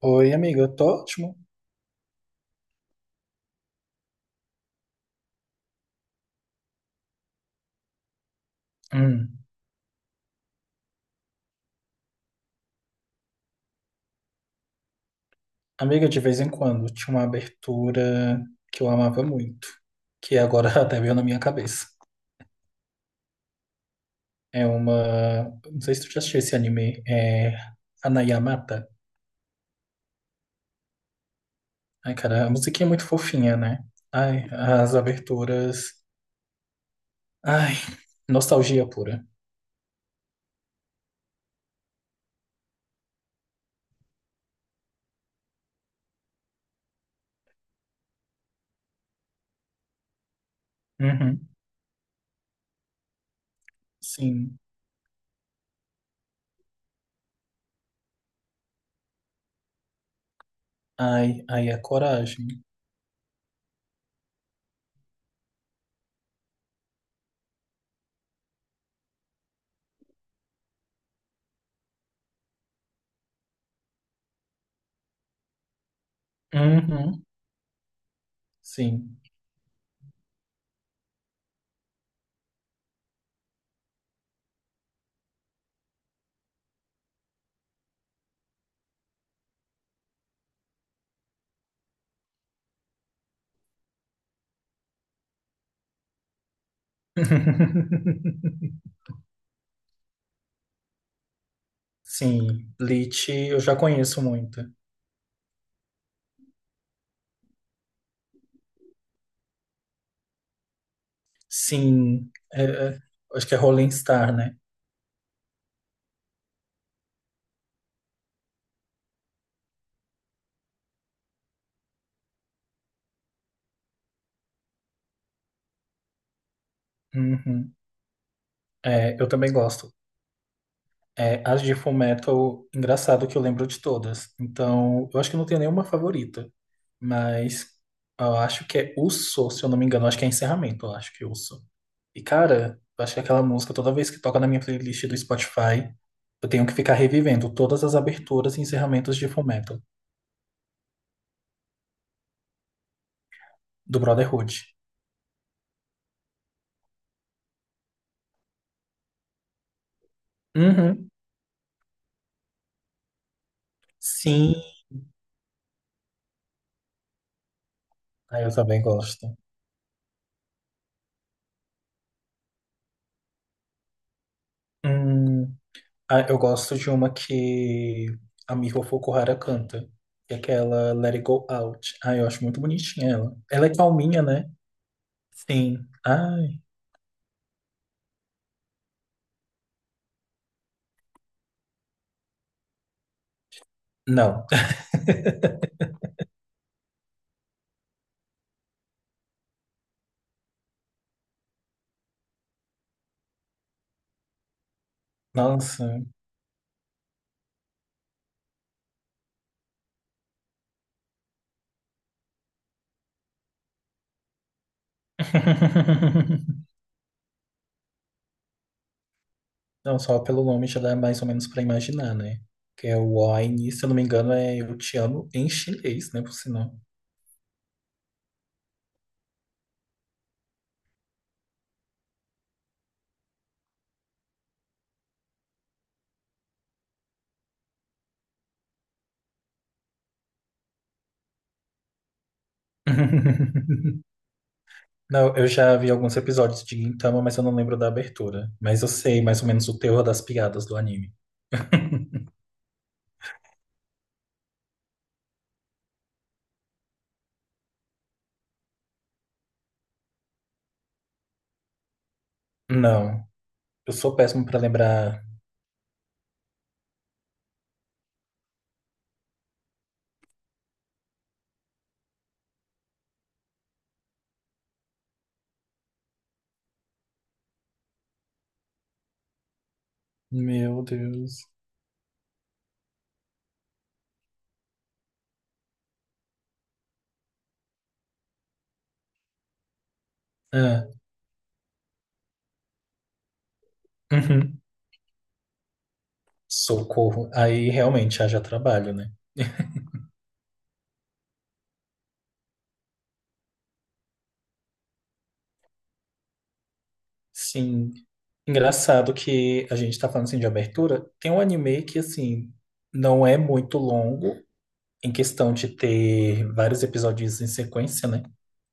Oi, amiga, eu tô ótimo. Hum, Amiga, de vez em quando tinha uma abertura que eu amava muito, que agora até veio na minha cabeça. É uma. Não sei se tu já assistiu esse anime, Hanayamata. Ai, cara, a musiquinha é muito fofinha, né? Ai, as aberturas. Ai, nostalgia pura. Uhum. Sim. Ai, ai, a coragem. Uhum. Sim. Sim. Bleach eu já conheço muito. Sim, acho que é Rolling Star, né? Uhum. É, eu também gosto. É, as de Fullmetal, engraçado que eu lembro de todas. Então, eu acho que não tenho nenhuma favorita. Mas eu acho que é Uso, se eu não me engano. Eu Acho que é encerramento, eu acho que é Uso. E, cara, eu acho que aquela música, toda vez que toca na minha playlist do Spotify, eu tenho que ficar revivendo todas as aberturas e encerramentos de Fullmetal, do Brotherhood. Uhum. Sim, ah, eu também gosto. Hum, Ah, eu gosto de uma que a Miho Fukuhara canta, que é aquela Let It Go Out. Ah, eu acho muito bonitinha ela. Ela é calminha, né? Sim. Ai, não. Nossa. Não, só pelo nome já dá mais ou menos pra imaginar, né? Que é o Wine, se eu não me engano, é Eu Te Amo em chinês, né? Por sinal. Não, eu já vi alguns episódios de Gintama, mas eu não lembro da abertura. Mas eu sei mais ou menos o terror das piadas do anime. Não. Eu sou péssimo pra lembrar. Meu Deus. Ah, uhum. Socorro. Aí realmente haja trabalho, né? Sim. Engraçado que a gente tá falando assim de abertura. Tem um anime que, assim, não é muito longo em questão de ter vários episódios em sequência, né?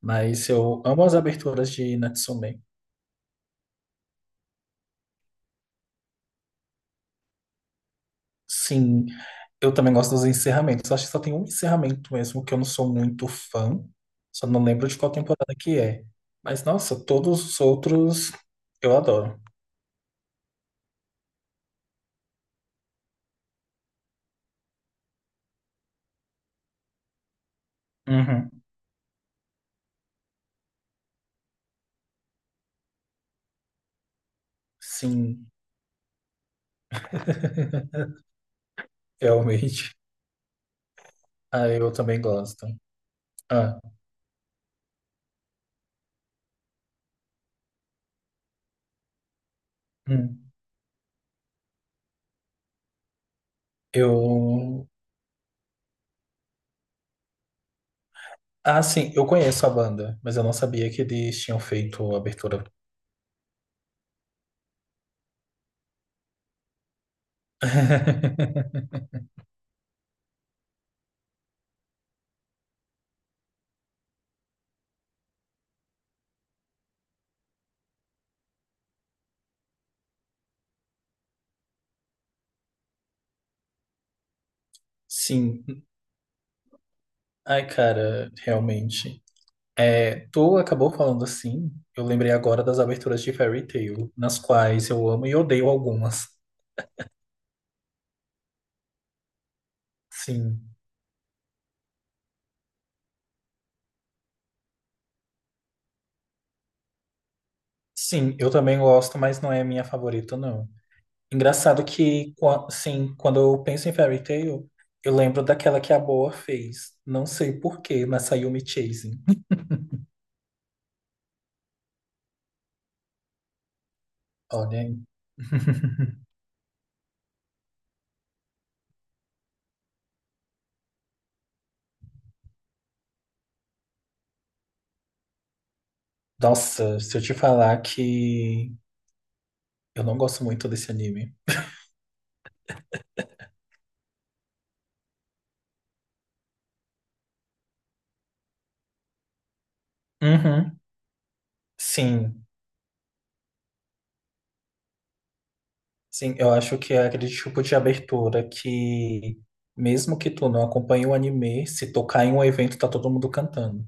Mas eu amo as aberturas de Natsume. Sim, eu também gosto dos encerramentos. Acho que só tem um encerramento mesmo que eu não sou muito fã. Só não lembro de qual temporada que é. Mas, nossa, todos os outros eu adoro. Uhum. Sim, realmente. Ah, eu também gosto. Ah, hum. Eu. Ah, sim, eu conheço a banda, mas eu não sabia que eles tinham feito a abertura. Sim, ai, cara, realmente. É, tu acabou falando assim, eu lembrei agora das aberturas de Fairy Tail, nas quais eu amo e odeio algumas. Sim. Sim, eu também gosto, mas não é a minha favorita, não. Engraçado que, qua- sim, quando eu penso em Fairy Tail, eu lembro daquela que a Boa fez. Não sei por quê, mas saiu Me Chasing. Olha aí. Nossa, se eu te falar que eu não gosto muito desse anime. Uhum, sim. Sim, eu acho que é aquele tipo de abertura que, mesmo que tu não acompanhe o anime, se tocar em um evento, tá todo mundo cantando.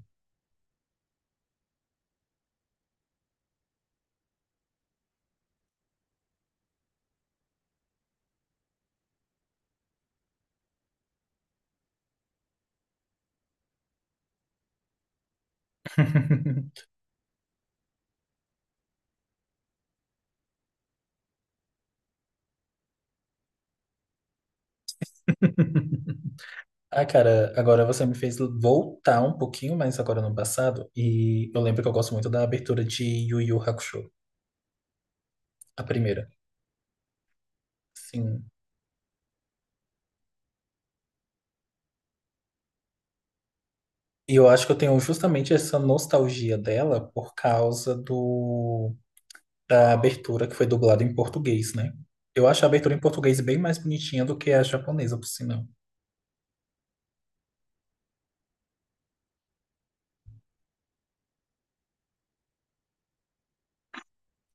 Ah, cara, agora você me fez voltar um pouquinho mais agora no passado, e eu lembro que eu gosto muito da abertura de Yu Yu Hakusho, a primeira. Sim. E eu acho que eu tenho justamente essa nostalgia dela por causa do da abertura que foi dublada em português, né? Eu acho a abertura em português bem mais bonitinha do que a japonesa, por sinal.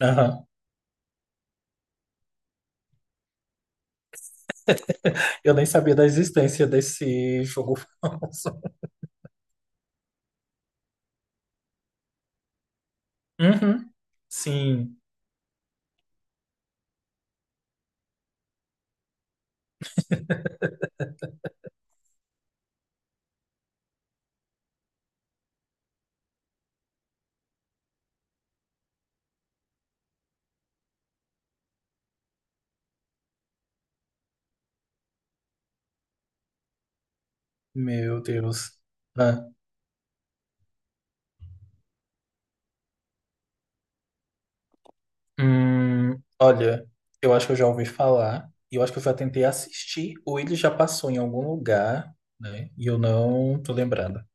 Aham. Eu nem sabia da existência desse jogo famoso. Uhum. Sim, meu Deus. Ah. Olha, eu acho que eu já ouvi falar, e eu acho que eu já tentei assistir, ou ele já passou em algum lugar, né? E eu não tô lembrada.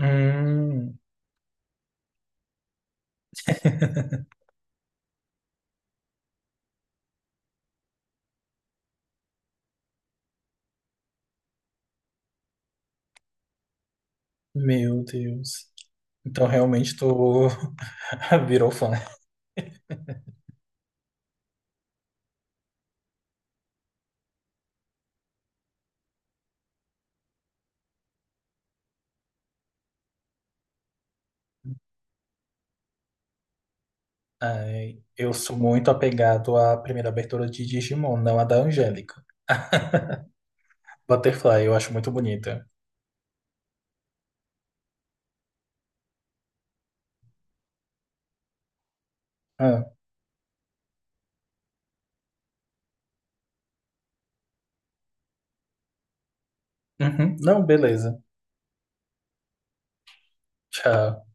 Hum, meu Deus. Então realmente tu virou fã. Ai, eu sou muito apegado à primeira abertura de Digimon, não a da Angélica. Butterfly, eu acho muito bonita. Ah, uhum. Não, beleza. Tchau.